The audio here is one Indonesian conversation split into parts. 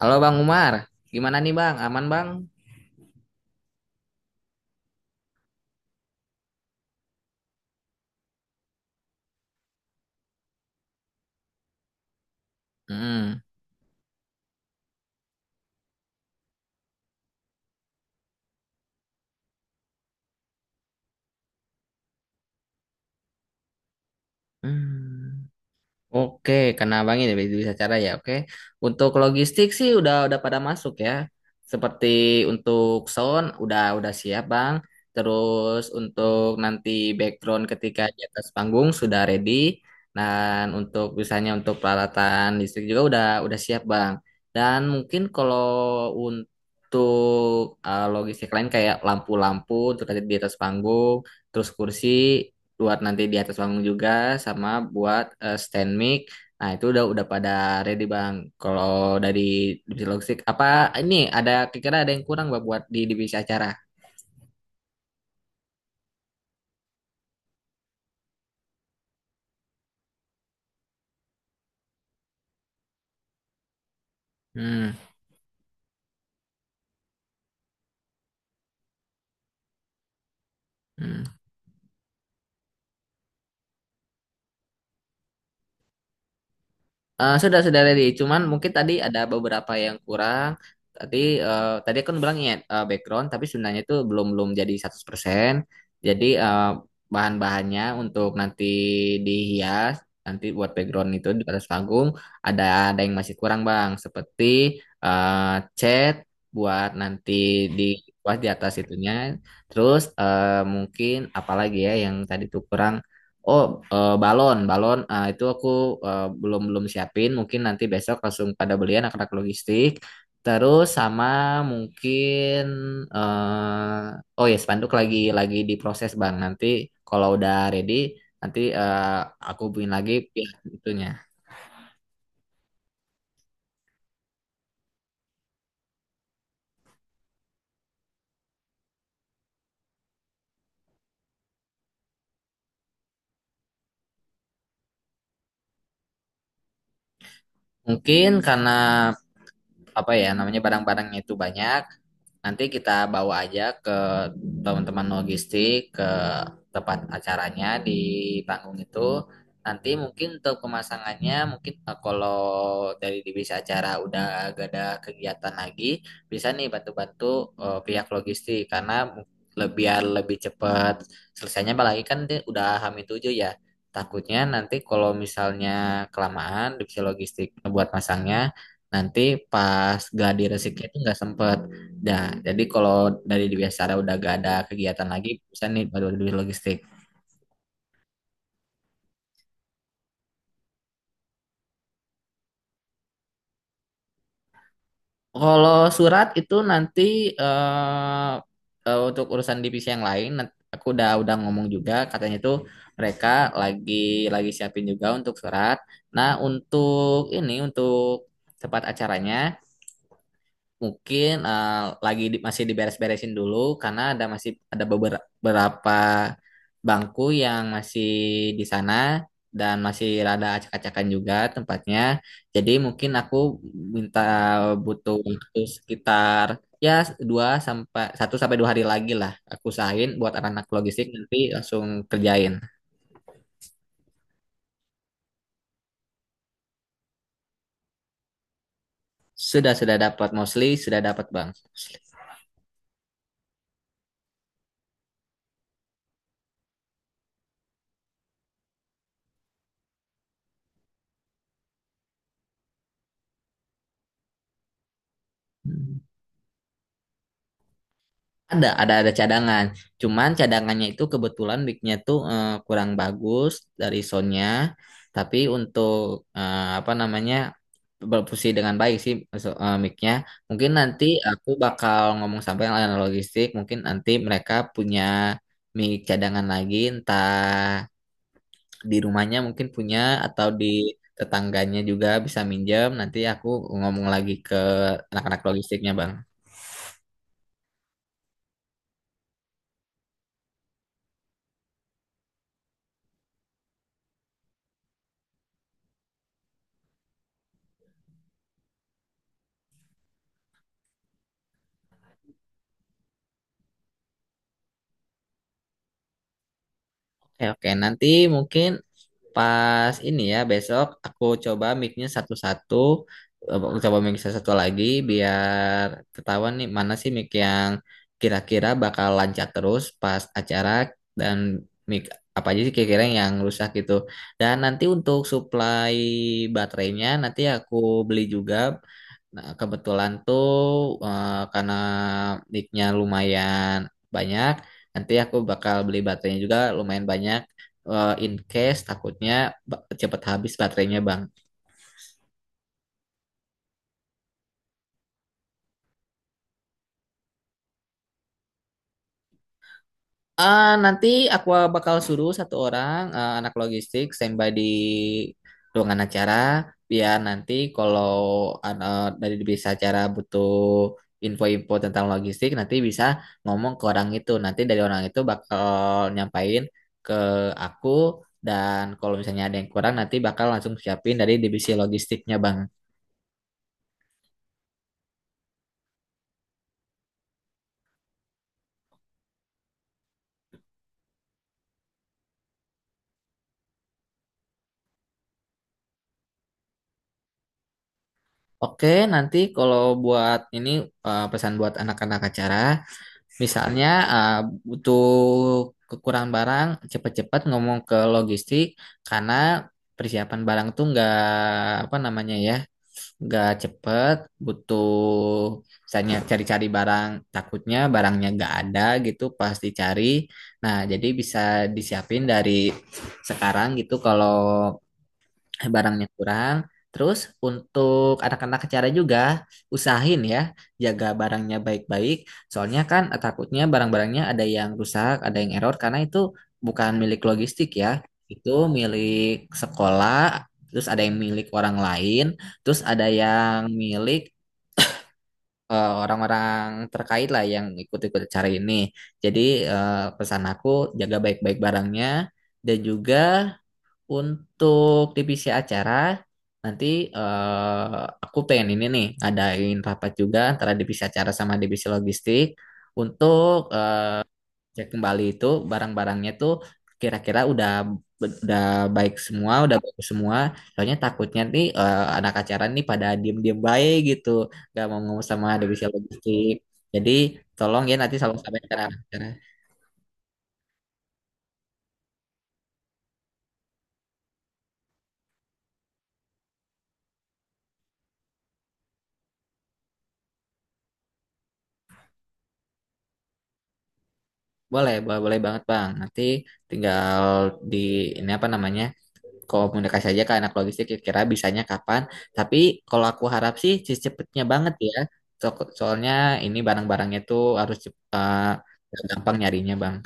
Halo Bang Umar, gimana nih Bang? Aman Bang? Mm. Hmm. Oke, karena Abang ini bisa cara ya. Oke, untuk logistik sih udah pada masuk ya. Seperti untuk sound udah siap Bang. Terus untuk nanti background ketika di atas panggung sudah ready. Dan untuk misalnya untuk peralatan listrik juga udah siap Bang. Dan mungkin kalau untuk logistik lain kayak lampu-lampu untuk tadi di atas panggung, terus kursi buat nanti di atas panggung juga sama buat stand mic. Nah, itu udah pada ready, Bang. Kalau dari divisi logistik apa ini ada kira-kira ada yang kurang Bang buat di divisi acara? Hmm. Hmm. Sudah ready. Cuman mungkin tadi ada beberapa yang kurang. Tadi tadi kan bilang ya background, tapi sebenarnya itu belum belum jadi 100%. Jadi bahan-bahannya untuk nanti dihias nanti buat background itu di atas panggung ada ada yang masih kurang Bang, seperti eh, cat buat nanti di buat di atas itunya. Terus mungkin apalagi ya yang tadi tuh kurang. Oh, balon, balon. Ah, itu aku belum belum siapin. Mungkin nanti besok langsung pada belian anak-anak logistik. Terus sama mungkin, oh ya spanduk lagi diproses bang. Nanti kalau udah ready, nanti aku hubungin lagi pihak itunya. Mungkin karena apa ya namanya barang-barangnya itu banyak. Nanti kita bawa aja ke teman-teman logistik ke tempat acaranya di panggung itu, nanti mungkin untuk pemasangannya mungkin kalau dari divisi acara udah gak ada kegiatan lagi bisa nih bantu-bantu pihak logistik karena biar lebih cepat selesainya. Apalagi kan dia udah hamil tujuh ya, takutnya nanti kalau misalnya kelamaan divisi logistik buat masangnya, nanti pas gladi resiknya itu nggak sempet. Nah, jadi kalau dari di Biasara udah gak ada kegiatan lagi, bisa nih baru di logistik. Kalau surat itu nanti eh, untuk urusan divisi yang lain, aku udah ngomong juga, katanya tuh mereka lagi lagi siapin juga untuk surat. Nah, untuk ini untuk tempat acaranya mungkin lagi masih diberes-beresin dulu karena ada masih ada beberapa bangku yang masih di sana dan masih rada acak-acakan juga tempatnya. Jadi mungkin aku minta butuh waktu sekitar ya dua sampai satu sampai dua hari lagi lah. Aku usahain buat anak-anak logistik nanti langsung kerjain. Sudah dapat, mostly sudah dapat bang. Ada cadangan. Cuman cadangannya itu kebetulan mic-nya tuh kurang bagus dari sound. Tapi untuk apa namanya, berfungsi dengan baik sih mic-nya. Mungkin nanti aku bakal ngomong sampai yang layanan logistik. Mungkin nanti mereka punya mic cadangan lagi, entah di rumahnya mungkin punya atau di tetangganya juga bisa minjem. Nanti aku ngomong lagi ke anak-anak logistiknya, Bang. Oke, oke. Nanti mungkin pas ini ya, besok aku coba mic-nya satu-satu. Aku coba mic satu-satu lagi biar ketahuan nih mana sih mic yang kira-kira bakal lancar terus pas acara, dan mic apa aja sih kira-kira yang rusak gitu. Dan nanti untuk supply baterainya nanti aku beli juga. Nah, kebetulan tuh karena nicknya lumayan banyak, nanti aku bakal beli baterainya juga lumayan banyak. In case takutnya cepet habis baterainya, Bang. Ah, nanti aku bakal suruh satu orang anak logistik standby di ruangan acara biar nanti kalau dari bisa acara butuh info-info tentang logistik nanti bisa ngomong ke orang itu. Nanti dari orang itu bakal nyampain ke aku, dan kalau misalnya ada yang kurang nanti bakal langsung siapin dari divisi logistiknya, Bang. Oke, nanti kalau buat ini pesan buat anak-anak acara. Misalnya uh, butuh kekurangan barang, cepat-cepat ngomong ke logistik karena persiapan barang tuh nggak apa namanya ya, nggak cepet, butuh misalnya cari-cari barang, takutnya barangnya nggak ada gitu pas dicari. Nah, jadi bisa disiapin dari sekarang gitu kalau barangnya kurang. Terus untuk anak-anak acara juga usahain ya jaga barangnya baik-baik. Soalnya kan takutnya barang-barangnya ada yang rusak, ada yang error karena itu bukan milik logistik ya. Itu milik sekolah, terus ada yang milik orang lain, terus ada yang milik orang-orang terkait lah yang ikut-ikut acara ini. Jadi pesan aku jaga baik-baik barangnya, dan juga untuk divisi acara, nanti aku pengen ini nih, ngadain rapat juga antara divisi acara sama divisi logistik untuk eh, cek kembali itu barang-barangnya tuh, kira-kira udah baik semua, udah bagus semua. Soalnya takutnya nih anak acara nih pada diem-diem baik gitu, gak mau ngomong sama divisi logistik. Jadi tolong ya nanti selalu sampaikan ke anak acara. Boleh, boleh, boleh banget Bang. Nanti tinggal di ini apa namanya? Komunikasi aja ke anak logistik kira-kira bisanya kapan. Tapi kalau aku harap sih secepatnya banget ya. Soalnya ini barang-barangnya tuh harus gampang nyarinya Bang.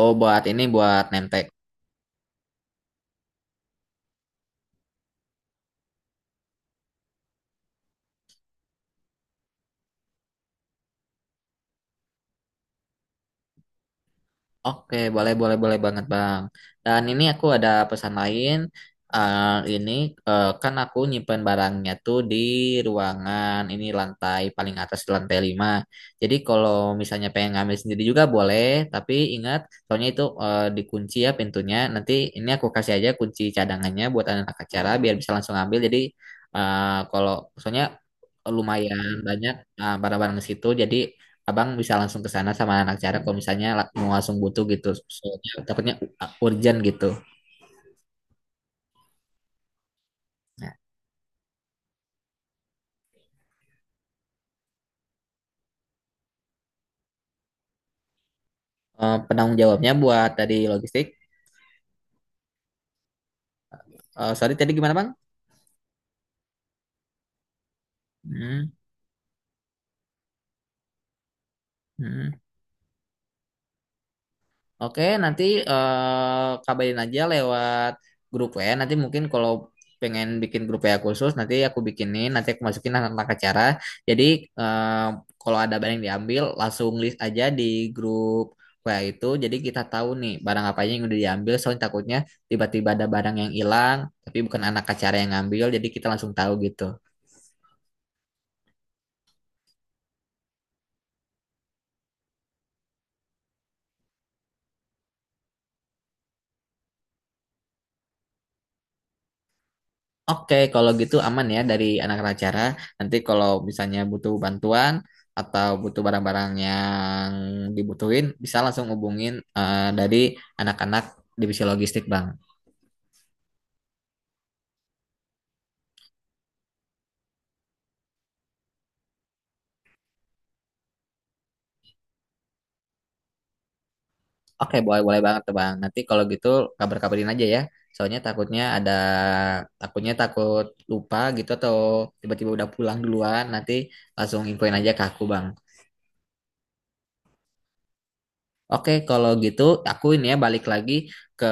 Oh buat ini buat nempel. Oke, boleh, boleh, boleh banget, Bang. Dan ini aku ada pesan lain. Ini kan aku nyimpen barangnya tuh di ruangan ini, lantai paling atas di lantai 5. Jadi kalau misalnya pengen ngambil sendiri juga boleh, tapi ingat soalnya itu dikunci ya pintunya. Nanti ini aku kasih aja kunci cadangannya buat anak acara biar bisa langsung ambil. Jadi kalau soalnya lumayan banyak barang-barang di situ. Jadi abang bisa langsung ke sana sama anak cara kalau misalnya mau langsung butuh gitu. Soalnya takutnya urgent gitu. Nah, penanggung jawabnya buat tadi logistik. Sorry tadi gimana bang? Hmm, hmm. Oke, nanti kabarin aja lewat grup ya. Nanti mungkin kalau pengen bikin grup ya khusus, nanti aku bikinin, nanti aku masukin anak-anak acara. Jadi eh, kalau ada barang yang diambil, langsung list aja di grup WA itu. Jadi kita tahu nih barang apa aja yang udah diambil. Soalnya takutnya tiba-tiba ada barang yang hilang, tapi bukan anak acara yang ngambil. Jadi kita langsung tahu gitu. Oke, kalau gitu aman ya dari anak acara. Nanti kalau misalnya butuh bantuan atau butuh barang-barang yang dibutuhin, bisa langsung hubungin dari anak-anak divisi logistik, Bang. Oke, boleh boleh banget tuh, Bang. Nanti kalau gitu kabar-kabarin aja ya. Soalnya takutnya ada takutnya takut lupa gitu atau tiba-tiba udah pulang duluan, nanti langsung infoin aja ke aku, Bang. Oke, kalau gitu aku ini ya balik lagi ke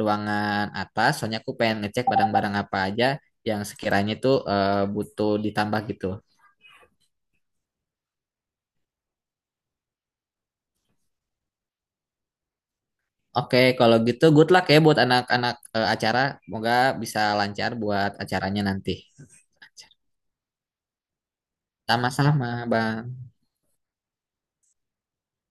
ruangan atas. Soalnya aku pengen ngecek barang-barang apa aja yang sekiranya itu butuh ditambah gitu. Oke, kalau gitu good luck ya buat anak-anak acara. Semoga bisa lancar buat acaranya nanti. Sama-sama, Bang.